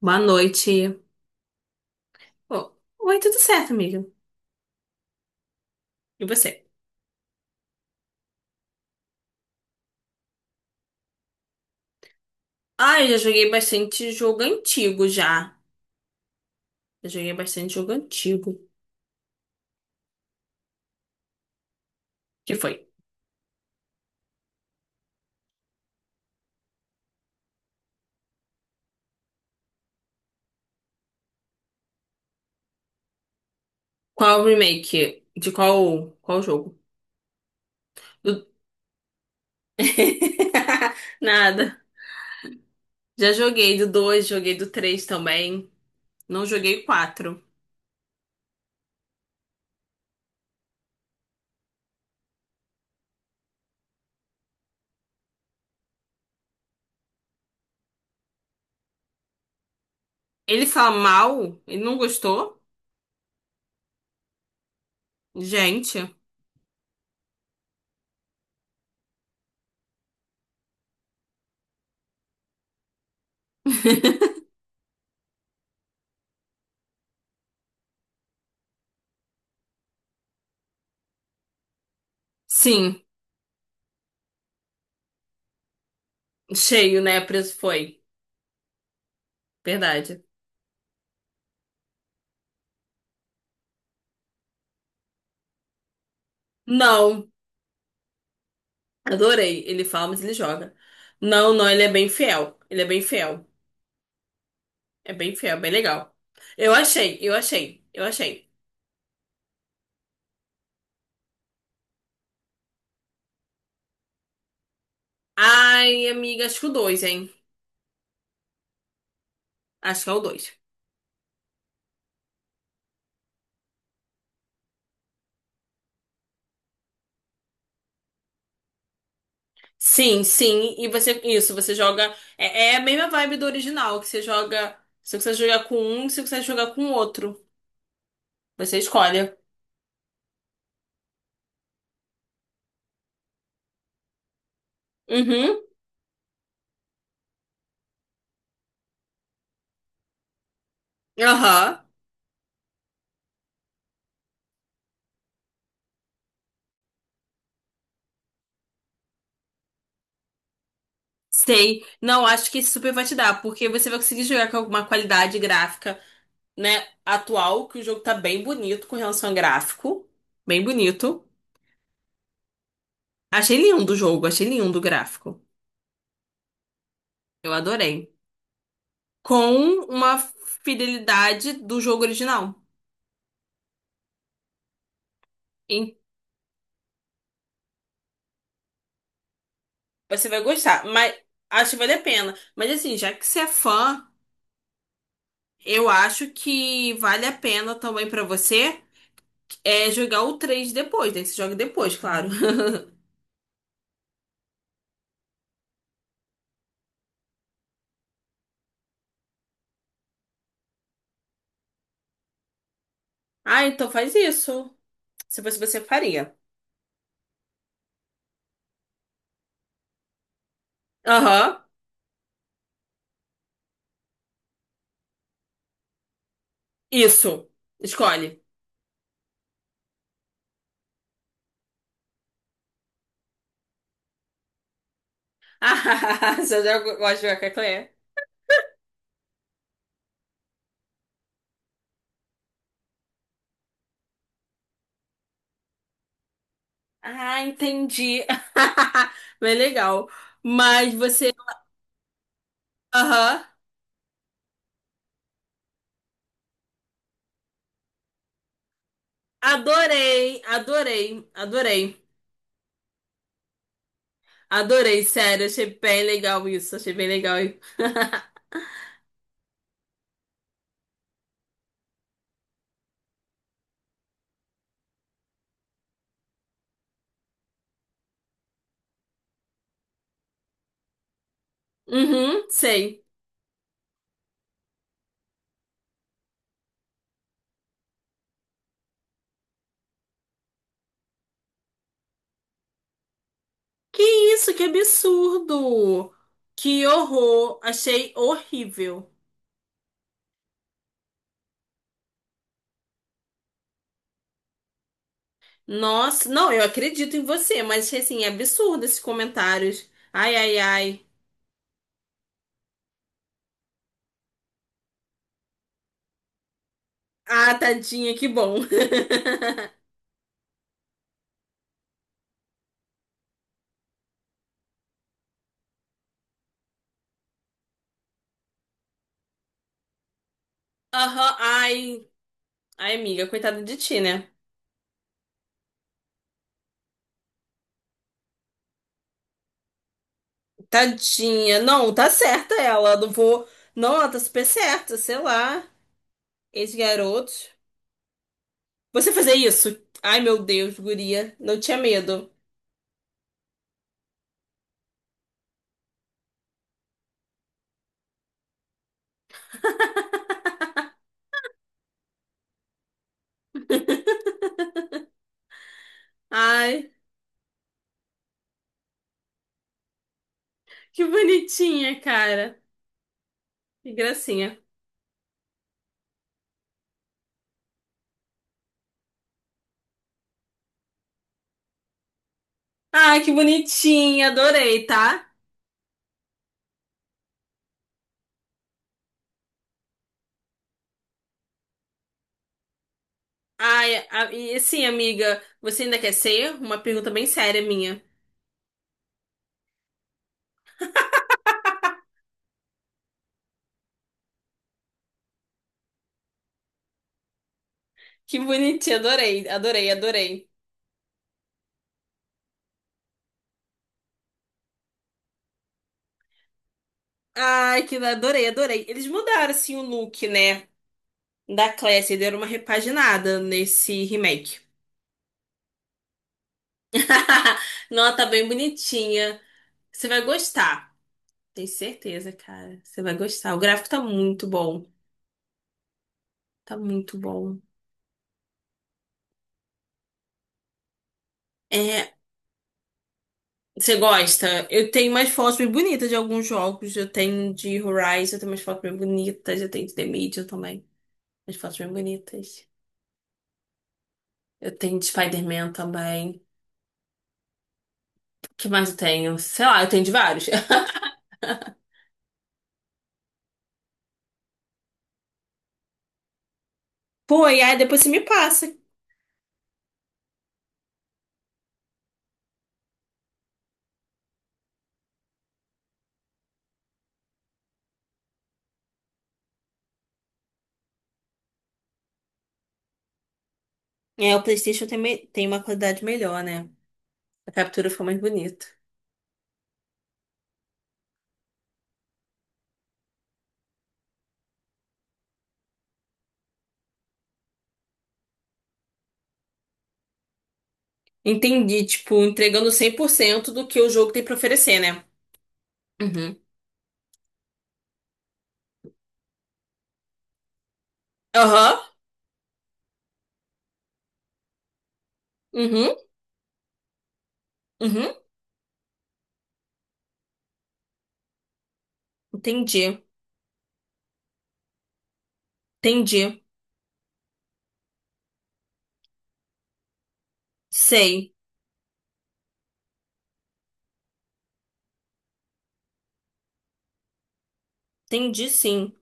Boa noite. Oh, oi, tudo certo, amiga? E você? Ah, eu já joguei bastante jogo antigo já. Já joguei bastante jogo antigo. Que foi? Qual remake? De qual jogo? Do- Nada. Já joguei do 2, joguei do 3 também. Não joguei o quatro. Ele fala mal? Ele não gostou? Gente. Sim, cheio, né? Preço foi. Verdade. Não. Adorei. Ele fala, mas ele joga. Não, não, ele é bem fiel. Ele é bem fiel. É bem fiel, é bem legal. Eu achei, eu achei, eu achei. Ai, amiga, acho que o 2, hein? Acho que é o 2. Sim, sim. E você, isso, você joga. É, é a mesma vibe do original, que você joga. Se você quiser jogar com um, se você quiser jogar com o outro. Você escolhe. Uhum. Aham. Sei. Não, acho que esse super vai te dar, porque você vai conseguir jogar com alguma qualidade gráfica, né, atual, que o jogo tá bem bonito com relação a gráfico. Bem bonito. Achei lindo o jogo, achei lindo o gráfico. Eu adorei. Com uma fidelidade do jogo original. E você vai gostar, mas acho que vale a pena. Mas assim, já que você é fã, eu acho que vale a pena também pra você jogar o 3 depois, né? Você joga depois, claro. Ah, então faz isso. Se fosse você, faria. Aham, isso. Escolhe. Ah, você já gosta de jogar com a Claire? Ah, entendi. Bem legal. Mas você. Aham. Adorei, adorei, adorei. Adorei, sério. Achei bem legal isso. Achei bem legal, hein? Uhum, sei. Que isso, que absurdo! Que horror! Achei horrível. Nossa, não, eu acredito em você, mas achei assim, absurdo esses comentários. Ai, ai, ai. Ah, tadinha, que bom. Aham, ai, ai, amiga, coitada de ti, né? Tadinha. Não, tá certa ela. Não vou. Não, ela tá super certa, sei lá. Esse garoto. Você fazer isso? Ai, meu Deus, guria. Não tinha medo. Ai, que bonitinha, cara. Que gracinha. Ai, que bonitinha. Adorei, tá? Ai, e sim, amiga, você ainda quer ser? Uma pergunta bem séria minha. Que bonitinha, adorei, adorei, adorei. Ai, que adorei, adorei. Eles mudaram assim o look, né? Da Classy, deram uma repaginada nesse remake. Nossa, tá bem bonitinha. Você vai gostar. Tenho certeza, cara. Você vai gostar. O gráfico tá muito bom. Tá muito bom. É, você gosta? Eu tenho umas fotos bem bonitas de alguns jogos. Eu tenho de Horizon, eu tenho umas fotos bem bonitas. Eu tenho de The Medium também. Umas fotos bem bonitas. Eu tenho de Spider-Man também. O que mais eu tenho? Sei lá, eu tenho de vários. Pô, e aí depois você me passa. É, o PlayStation tem, tem uma qualidade melhor, né? A captura ficou mais bonita. Entendi, tipo, entregando 100% do que o jogo tem pra oferecer, né? Uhum. Aham. Uhum. Uhum. Entendi. Entendi. Sei. Entendi, sim.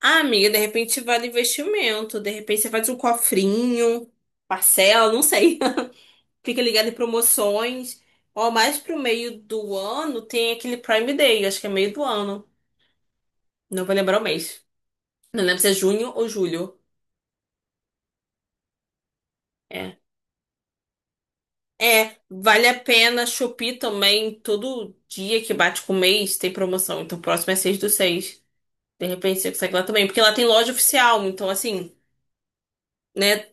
Ah, amiga, de repente vale investimento. De repente você faz um cofrinho, parcela, não sei. Fica ligado em promoções. Ó, mais pro meio do ano tem aquele Prime Day, acho que é meio do ano. Não vou lembrar o mês. Não lembro se é junho ou julho. É. É, vale a pena Shopee também. Todo dia que bate com o mês tem promoção. Então, o próximo é 6 do 6. De repente você consegue lá também. Porque lá tem loja oficial. Então, assim, né?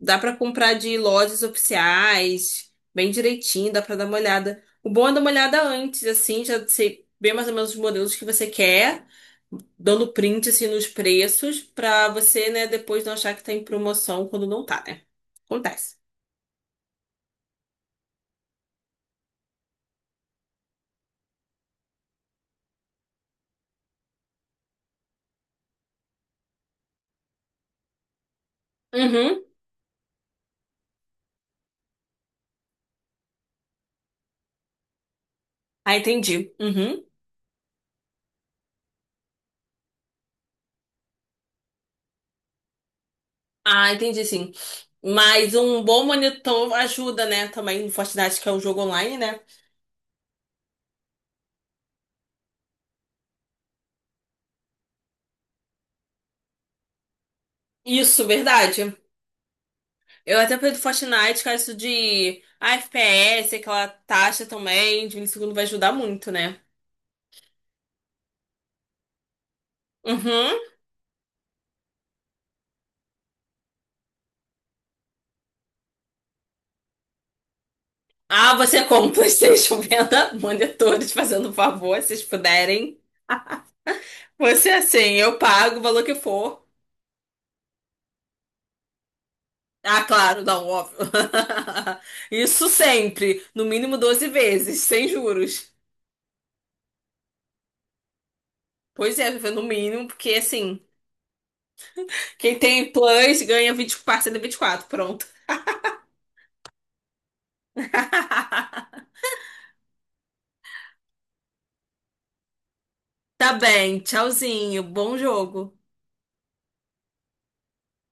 Dá pra comprar de lojas oficiais, bem direitinho, dá pra dar uma olhada. O bom é dar uma olhada antes, assim, já sei bem mais ou menos os modelos que você quer, dando print, assim, nos preços, pra você, né, depois não achar que tá em promoção quando não tá, né? Acontece. Uhum. Ah, entendi. Uhum. Ah, entendi sim. Mas um bom monitor ajuda, né? Também no Fortnite, que é um jogo online, né? Isso, verdade. Eu até perdi Fortnite, que é isso de FPS, aquela taxa também de milissegundo vai ajudar muito, né? Uhum. Ah, você compra PlayStation venda monitores fazendo um favor, se vocês puderem. Você assim, eu pago o valor que for. Ah, claro, não, óbvio. Isso sempre, no mínimo 12 vezes, sem juros. Pois é, viver no mínimo, porque assim, quem tem plus ganha 20 parcela de 24, pronto. Tá bem, tchauzinho, bom jogo.